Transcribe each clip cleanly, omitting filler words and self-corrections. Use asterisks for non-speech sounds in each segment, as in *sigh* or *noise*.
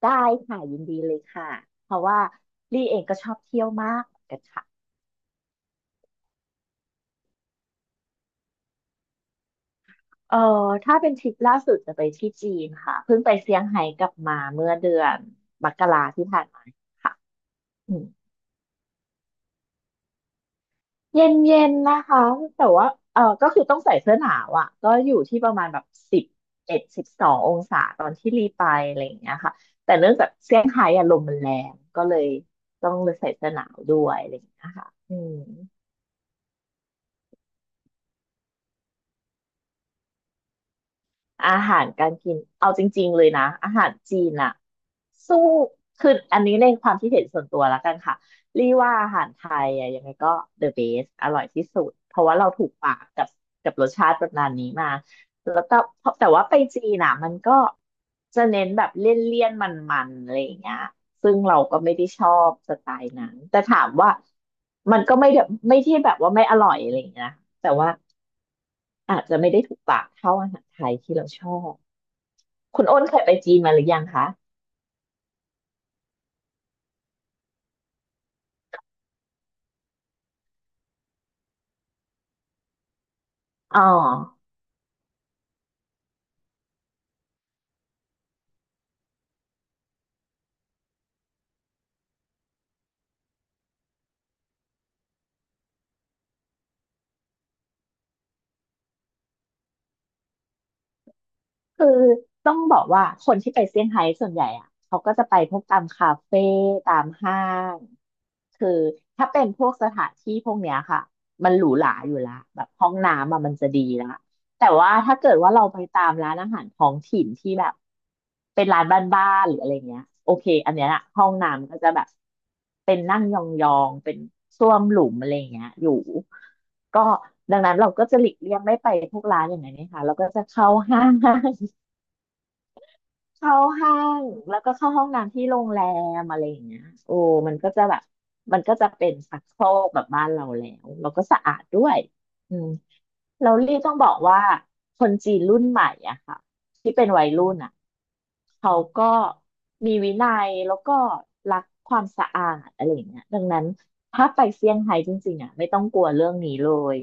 ได้ค่ะยินดีเลยค่ะเพราะว่าลี่เองก็ชอบเที่ยวมากเหมือนกันค่ะเออถ้าเป็นทริปล่าสุดจะไปที่จีนค่ะเพิ่งไปเซี่ยงไฮ้กลับมาเมื่อเดือนมกราที่ผ่านมาค่ะอืมเย็นเย็นนะคะแต่ว่าก็คือต้องใส่เสื้อหนาวอ่ะก็อยู่ที่ประมาณแบบ1112องศาตอนที่รีไปอะไรอย่างเงี้ยค่ะแต่เนื่องจากเซี่ยงไฮ้อะลมมันแรงก็เลยต้องเลยใส่เสื้อหนาวด้วยอะไรอย่างเงี้ยค่ะอาหารการกินเอาจริงๆเลยนะอาหารจีนอะสู้คืออันนี้ในความคิดเห็นส่วนตัวแล้วกันค่ะรีว่าอาหารไทยอะยังไงก็ the best อร่อยที่สุดเพราะว่าเราถูกปากกับรสชาติประมาณนี้มาแล้วก็เพราะแต่ว่าไปจีนอะมันก็จะเน้นแบบเลี่ยนๆมันๆอะไรอย่างเงี้ยซึ่งเราก็ไม่ได้ชอบสไตล์นั้นแต่ถามว่ามันก็ไม่ได้ไม่ที่แบบว่าไม่อร่อยอะไรอย่างเงี้ยนะแต่ว่าอาจจะไม่ได้ถูกปากเท่าอาหารไทยที่เราชอบ คุณอ้นเคยไปจีนมาหรือยังคะอ๋อ คือต้องบอกว่าคนที่ไปเซี่ยงไฮ้ส่วนใหญ่อะเขาก็จะไปพวกตามคาเฟ่ตามห้างคือถ้าเป็นพวกสถานที่พวกเนี้ยค่ะมันหรูหราอยู่ละแบบห้องน้ำอะมันจะดีละแต่ว่าถ้าเกิดว่าเราไปตามร้านอาหารท้องถิ่นที่แบบเป็นร้านบ้านๆหรืออะไรเงี้ยโอเคอันเนี้ยอะห้องน้ำก็จะแบบเป็นนั่งยองๆเป็นส้วมหลุมอะไรเงี้ยอยู่ก็ดังนั้นเราก็จะหลีกเลี่ยงไม่ไปพวกร้านอย่างนั้นนะคะเราก็จะเข้าห้าง เข้าห้างแล้วก็เข้าห้องน้ำที่โรงแรมอะไรอย่างเงี้ยโอ้มันก็จะแบบมันก็จะเป็นชักโครกแบบบ้านเราแล้วแล้วก็สะอาดด้วยอืมเราเรียกต้องบอกว่าคนจีนรุ่นใหม่อะค่ะที่เป็นวัยรุ่นอะเขาก็มีวินัยแล้วก็รักความสะอาดอะไรอย่างเงี้ยดังนั้นถ้าไปเซี่ยงไฮ้จริงๆอะไม่ต้องกลัวเรื่องนี้เลย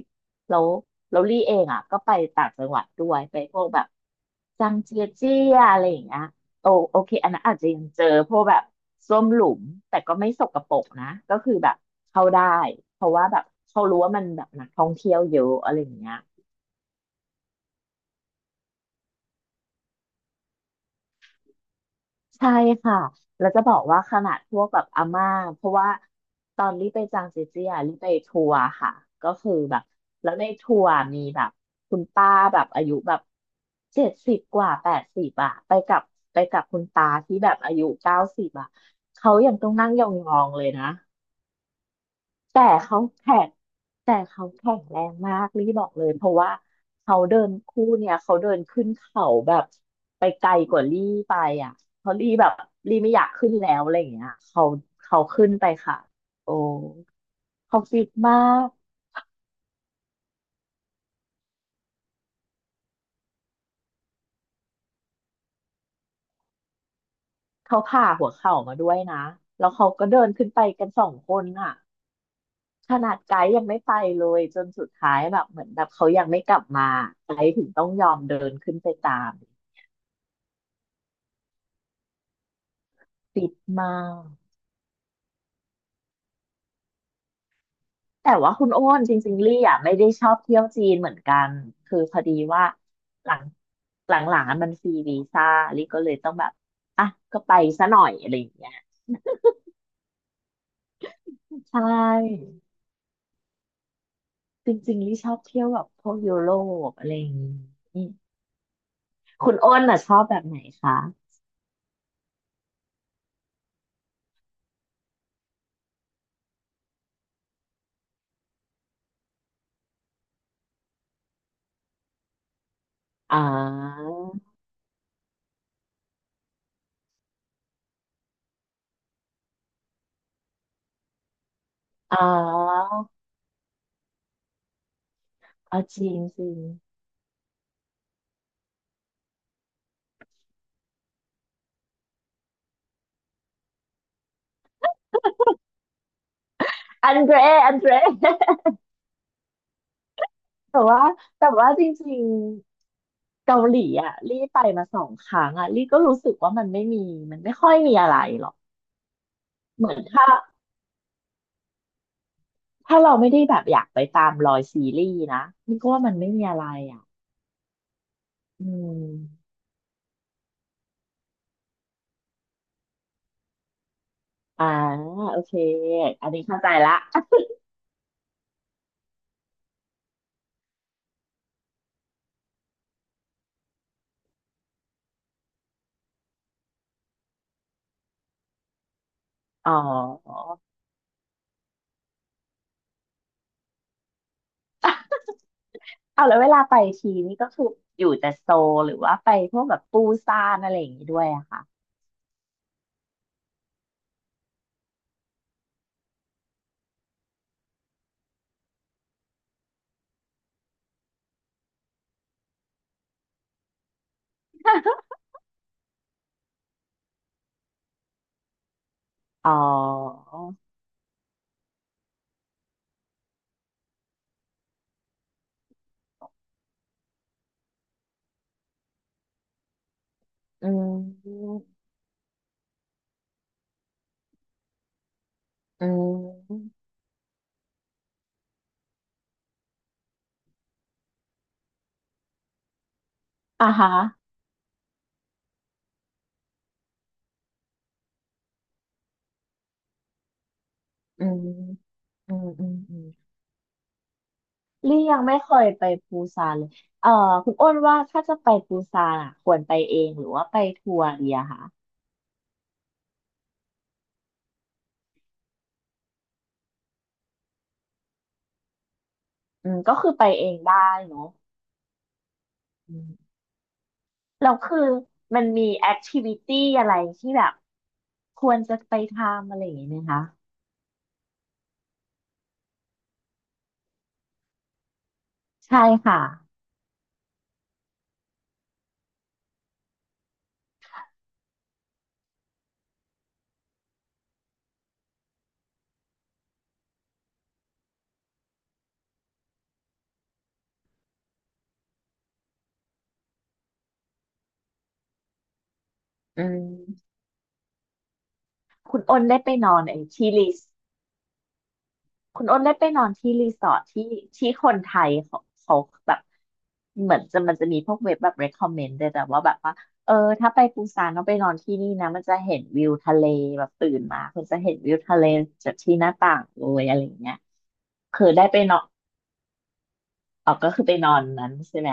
แล้วแล้วลี่เองอ่ะก็ไปต่างจังหวัดด้วยไปพวกแบบจังเจียเจียอะไรอย่างเงี้ยโอเคอันนั้นอาจจะยังเจอพวกแบบส้วมหลุมแต่ก็ไม่สกปรกนะก็คือแบบเข้าได้เพราะว่าแบบเขารู้ว่ามันแบบนักท่องเที่ยวเยอะอะไรอย่างเงี้ย ใช่ค่ะแล้วจะบอกว่าขนาดพวกแบบอาม่าเพราะว่าตอนรีไปจางเจเจียรีไปทัวร์ค่ะ ก็คือแบบแล้วในทัวร์มีแบบคุณป้าแบบอายุแบบ70กว่า80อะไปกับคุณตาที่แบบอายุ90อะเขายังต้องนั่งยองๆเลยนะ แต่เขาแข็งแต่เขาแข็งแรงมากลี่บอกเลยเพราะว่าเขาเดินคู่เนี่ยเขาเดินขึ้นเขาแบบไปไกลกว่าลี่ไปอ่ะเพราะลี่แบบลี่ไม่อยากขึ้นแล้วอะไรอย่างเงี้ยเขาขึ้นไปค่ะโอ้เขาฟิตมากเขาผ่าหัวเข่ามาด้วยนะแล้วเขาก็เดินขึ้นไปกันสองคนอ่ะขนาดไกด์ยังไม่ไปเลยจนสุดท้ายแบบเหมือนแบบเขายังไม่กลับมาไกด์ถึงต้องยอมเดินขึ้นไปตามฟิตมาก แต่ว่าคุณโอ้นจริงๆลี่อ่ะไม่ได้ชอบเที่ยวจีนเหมือนกันคือพอดีว่าหลังหลังๆอะมันฟรีวีซ่าลี่ก็เลยต้องแบบอ่ะก็ไปซะหน่อยอะไรอย่างเงี้ยใช่จริงๆลี่ชอบเที่ยวแบบพวกยุโรปอะไรอย่างงี้คุณโอ้นอ่ะชอบแบบไหนคะอ๋ออ๋ออ๋อจีนจีนอันเดรอันเดร แต่ว่าแต่ว่าจริงๆเกาหลีอ่ะลี่ไปมาสองครั้งอ่ะลี่ก็รู้สึกว่ามันไม่ค่อยมีอะไรหรอกเหมือนถ้าเราไม่ได้แบบอยากไปตามรอยซีรีส์นะนี่ก็ว่ามันไม่มีอะไรอ่ะอืมอ่าโอเคอันนี้เข้าใจละ *laughs* อ๋อเอาแล้วเวลาไปทีนี่ก็คืออยู่แต่โซลหรือว่าไปพวกแบบปูซานอะไรอย่างนี้ด้วยอะค่ะ *laughs* อ๋ออืมอืม อ่าฮะอืมอืมอืมอืมลี่ยังไม่เคยไปปูซานเลยเอ่อคุณอ้นว่าถ้าจะไปปูซานอ่ะควรไปเองหรือว่าไปทัวร์ดีอะคะอืมก็คือไปเองได้เนาะอืมแล้วคือมันมีแอคทิวิตี้อะไรที่แบบควรจะไปทำอะไรอย่างเงี้ยไหมคะ ใช่ค่ะอืมคุณอ้นได้ไปนอนไอ้ที่รี คุณอ้นได้ไปนอนที่รีสอร์ทที่คนไทยเขาแบบเหมือนจะมีพวกเว็บแบบ recommend เลยแต่ว่าแบบว่าเออถ้าไปปูซานต้องไปนอนที่นี่นะมันจะเห็นวิวทะเลแบบตื่นมาคุณจะเห็นวิวทะเลจากที่หน้าต่างเลยอะไรอย่างเงี้ยคือได้ไปนอนอ๋อก็คือไปนอนนั้นใช่ไหม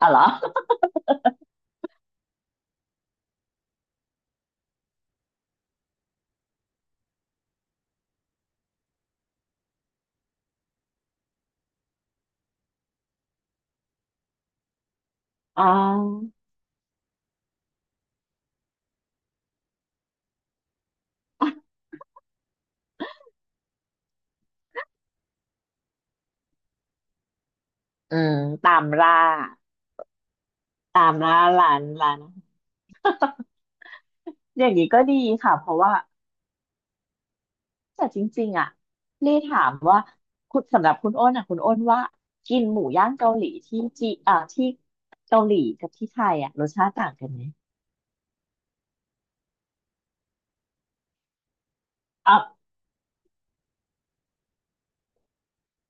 อ๋อเหรอ *laughs* อ๋ออืมตามล่าร้าน *laughs* อย่างนี้ก็ดีค่ะเพราะว่า แต่จริงๆอ่ะเลี่ถามว่าสำหรับคุณอ้นอ่ะคุณอ้นว่ากินหมูย่างเกาหลีที่จีที่เกาหลีกับที่ไทยอ่ะรสชาติต่างกันไหมอ่ะ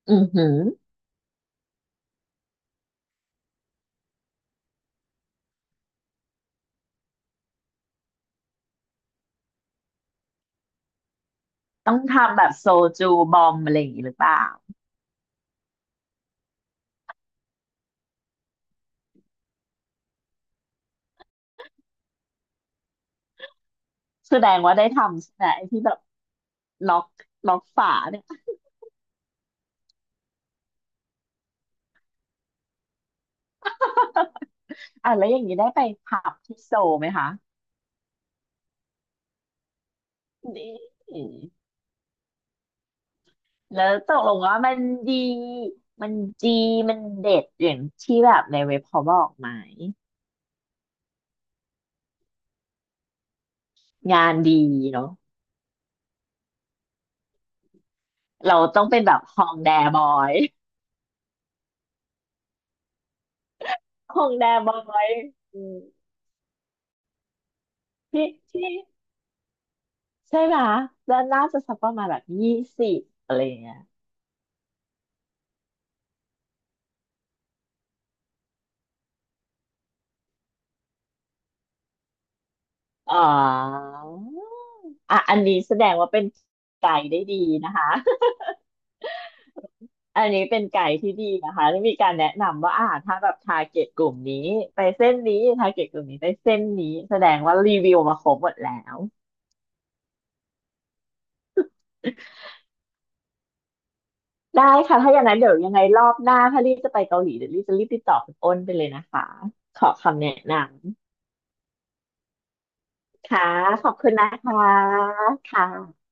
อือหือต้องทำแบบโซจูบอมอะไรอย่างงี้หรือเปล่าแสดงว่าได้ทำใช่ไหมไอ้ที่แบบล็อกฝาเนี่ยอ่ะแล้วอย่างนี้ได้ไปผับที่โซลไหมคะนี่แล้วตกลงว่ามันดี มันดี มันเด็ดอย่างที่แบบในเว็บเขาบอกไหมงานดีเนาะ เราต้องเป็นแบบฮองแดบอยฮองแดบอยอืมที่ที่ใช่ไหม แล้วน่าจะสักประมาณแบบ20อะไรอย่างเงี้ยอ๋ออ่ะอันนี้แสดงว่าเป็นไกด์ได้ดีนะคะ *laughs* อันนี้เป็นไกด์ที่ดีนะคะที่มีการแนะนำว่าอ่าถ้าแบบทาร์เกตกลุ่มนี้ไปเส้นนี้ทาร์เกตกลุ่มนี้ไปเส้นนี้แสดงว่ารีวิวมาครบหมดแล้ว ได้ค่ะถ้าอย่างนั้นเดี๋ยวยังไงรอบหน้าถ้ารีบจะไปเกาหลีเดี๋ยวรีบจะรีบติดต่อคุณอ้นไปเลยนะคะขอคำแนะนำค่ะขอบคุณนะคะค่ะ